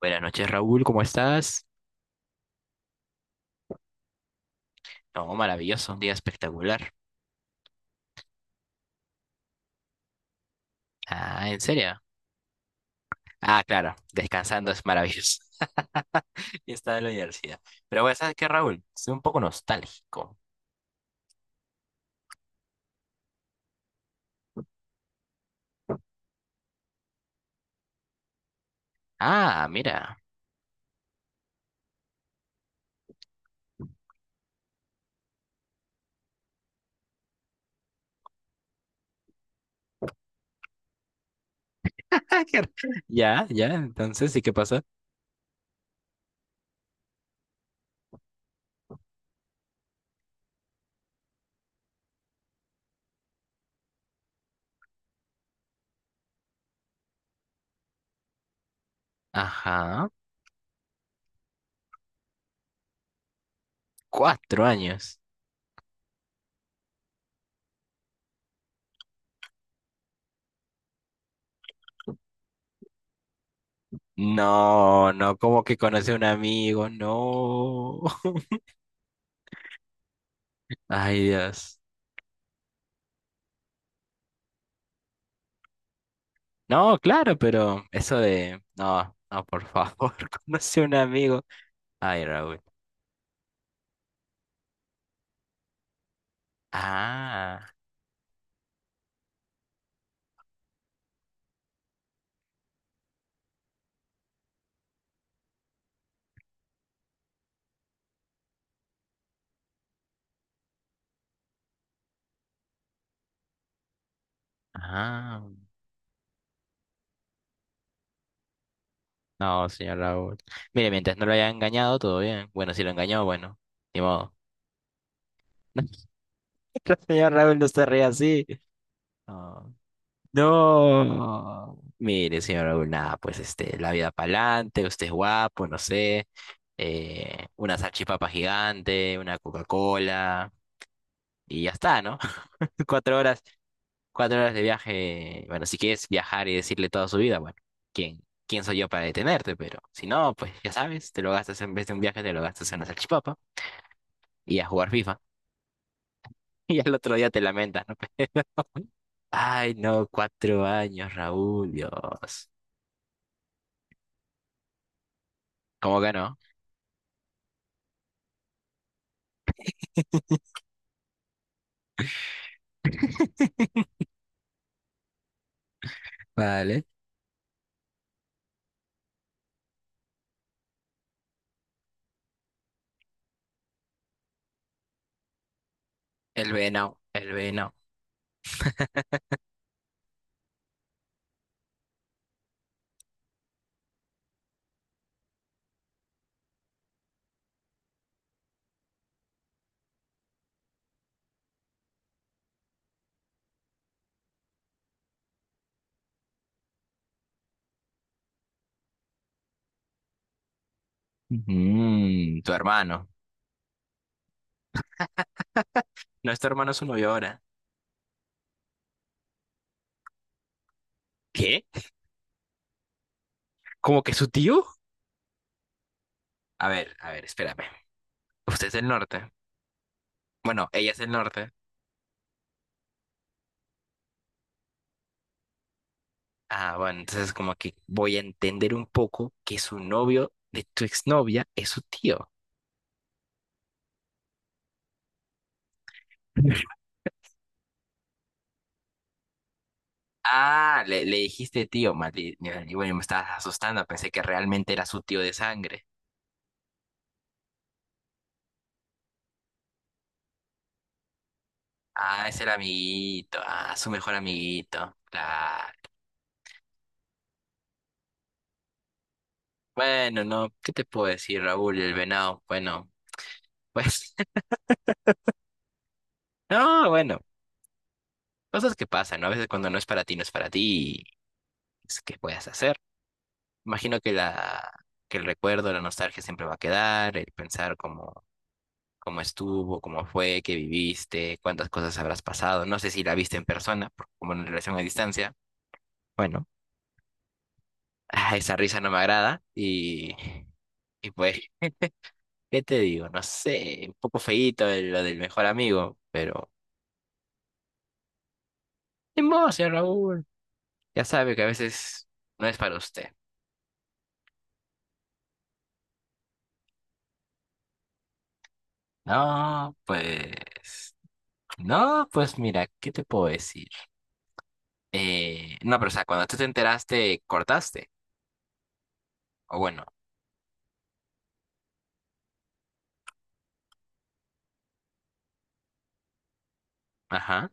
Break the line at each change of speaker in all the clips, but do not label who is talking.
Buenas noches, Raúl, ¿cómo estás? No, maravilloso, un día espectacular. Ah, ¿en serio? Ah, claro, descansando es maravilloso. Y está en la universidad. Pero bueno, ¿sabes qué, Raúl? Soy un poco nostálgico. Ah, mira. qué r- Ya, ya, entonces, ¿y qué pasa? Ajá, 4 años. No, no, ¿como que conoce a un amigo? No. Ay, Dios. No, claro, pero eso de... No, no, por favor, conoce a un amigo. Ay, Raúl. Ah, ah. No, señor Raúl. Mire, mientras no lo haya engañado, todo bien. Bueno, si lo engañó, bueno, ni modo. Señor Raúl, no se ríe así. No. No. Mire, señor Raúl, nada, pues este, la vida para adelante, usted es guapo, no sé. Una salchipapa gigante, una Coca-Cola, y ya está, ¿no? 4 horas. 4 horas de viaje, bueno, si quieres viajar y decirle toda su vida, bueno, ¿quién soy yo para detenerte? Pero si no, pues ya sabes, te lo gastas en vez de un viaje, te lo gastas en la salchipapa y a jugar FIFA. Y al otro día te lamentas, ¿no? Ay, no, 4 años, Raúl, Dios. ¿Cómo ganó? Vale. El venao Mm, tu hermano. No es tu hermano, es su novio ahora. ¿Qué? ¿Cómo que su tío? A ver, espérame. Usted es del norte. Bueno, ella es del norte. Ah, bueno, entonces como que voy a entender un poco que su novio de tu exnovia es su tío. Ah, le dijiste tío, Mati. Y bueno, me estabas asustando, pensé que realmente era su tío de sangre. Ah, es el amiguito, ah, su mejor amiguito. Claro. Bueno, no, ¿qué te puedo decir, Raúl, el venado? Bueno, pues, no, bueno, cosas que pasan, ¿no? A veces cuando no es para ti, no es para ti, y es que puedes hacer. Imagino que el recuerdo, la nostalgia siempre va a quedar, el pensar como cómo estuvo, cómo fue, qué viviste, cuántas cosas habrás pasado. No sé si la viste en persona, porque como en relación a distancia. Bueno, ah, esa risa no me agrada y pues, ¿qué te digo? No sé, un poco feíto lo del mejor amigo, pero ni modo, señor Raúl. Ya sabe que a veces no es para usted. No, pues, no, pues mira, ¿qué te puedo decir? No, pero o sea, cuando tú te enteraste, cortaste. O bueno, ajá.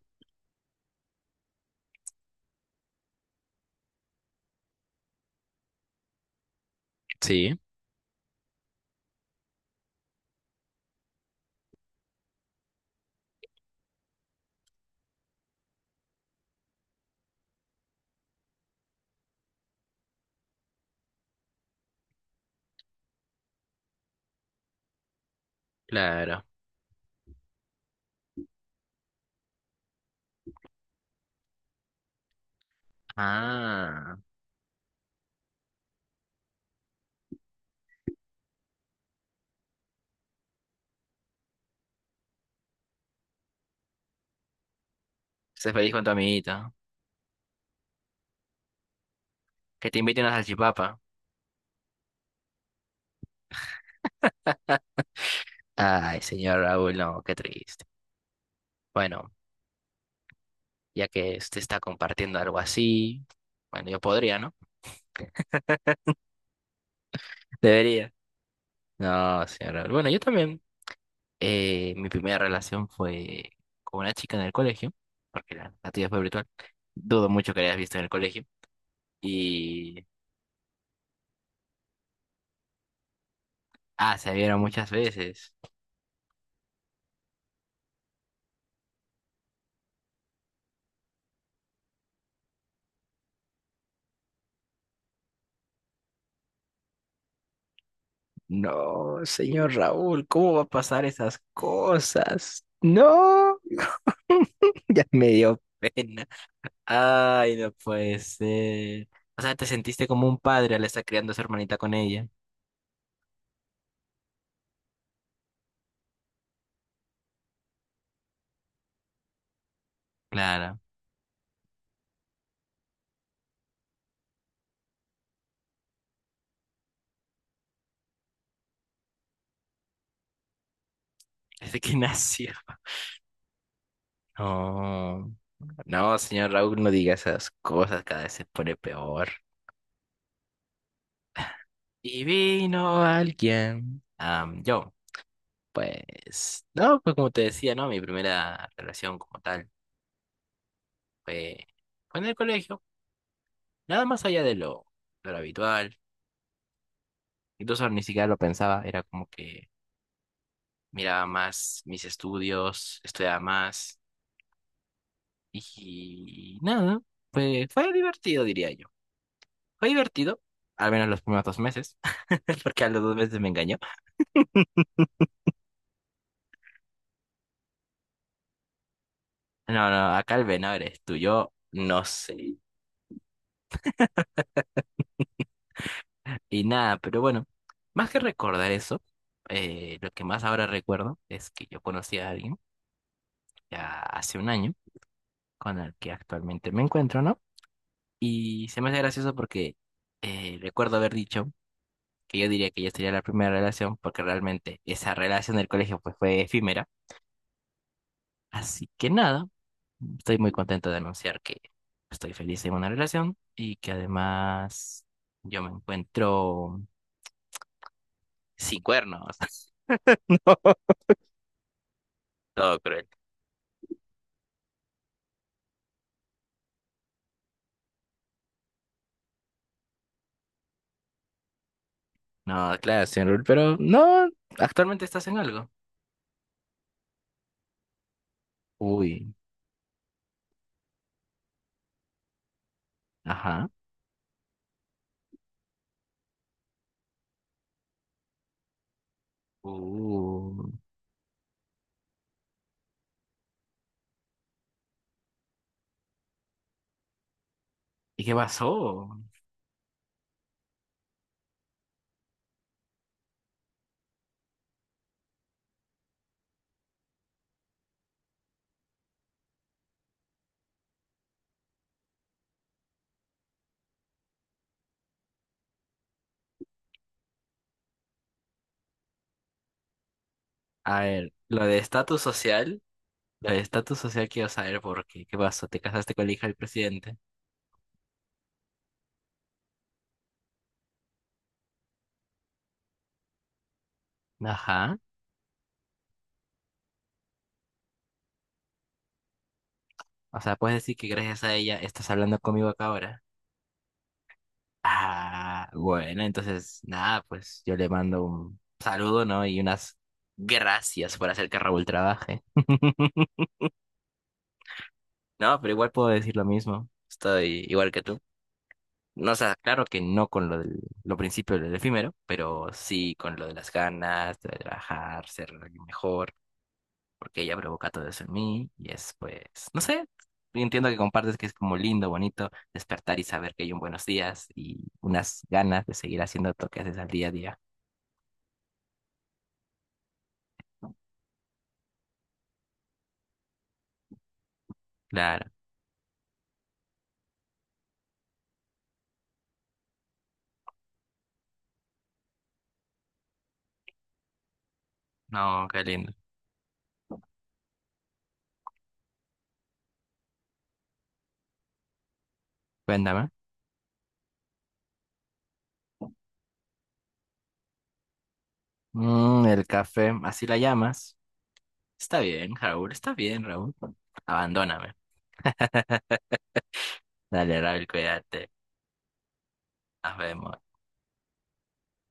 Sí, claro. Ah. Sé feliz con tu amiguita. Que te invite una salchipapa. Ay, señor Raúl, no, qué triste. Bueno, ya que usted está compartiendo algo así, bueno, yo podría, ¿no? Debería. No, señor Raúl. Bueno, yo también. Mi primera relación fue con una chica en el colegio, porque la tuya fue virtual. Dudo mucho que la hayas visto en el colegio. Y... Ah, se vieron muchas veces. No, señor Raúl, ¿cómo va a pasar esas cosas? No, ya me dio pena. Ay, no puede ser. O sea, te sentiste como un padre al estar criando a su hermanita con ella. Claro, desde que nació. No, no, señor Raúl, no diga esas cosas, cada vez se pone peor. Y vino alguien. Pues, no, pues como te decía, ¿no? Mi primera relación como tal fue, fue en el colegio, nada más allá de lo habitual. Incluso ni siquiera lo pensaba, era como que miraba más mis estudios, estudiaba más y nada, fue divertido, diría yo. Fue divertido, al menos los primeros 2 meses, porque a los 2 meses me engañó. No, no, acá el venado eres tú, yo no sé. Y nada, pero bueno, más que recordar eso, lo que más ahora recuerdo es que yo conocí a alguien ya hace un año con el que actualmente me encuentro, ¿no? Y se me hace gracioso porque recuerdo haber dicho que yo diría que ya sería la primera relación, porque realmente esa relación del colegio pues, fue efímera. Así que nada, estoy muy contento de anunciar que estoy feliz en una relación y que además yo me encuentro sin cuernos. No, todo cruel. No, claro, señor, Rul, pero no, actualmente estás en algo. Uy, ajá. Uh, ¿Y qué pasó? A ver, lo de estatus social, lo de estatus social quiero saber por qué. ¿Qué pasó? ¿Te casaste con la hija del presidente? Ajá. O sea, puedes decir que gracias a ella estás hablando conmigo acá ahora. Ah, bueno, entonces, nada, pues yo le mando un saludo, ¿no? Y unas gracias por hacer que Raúl trabaje. No, pero igual puedo decir lo mismo. Estoy igual que tú. No, o sea, claro que no con lo del lo principio del efímero, pero sí con lo de las ganas de trabajar, ser alguien mejor. Porque ella provoca todo eso en mí y es pues, no sé, entiendo que compartes que es como lindo, bonito despertar y saber que hay un buenos días y unas ganas de seguir haciendo toques que al día a día. Claro, no, qué lindo. Cuéntame. Mm, el café, así la llamas. Está bien, Raúl, está bien, Raúl. Abandóname. Dale, Raúl, cuídate. Nos vemos.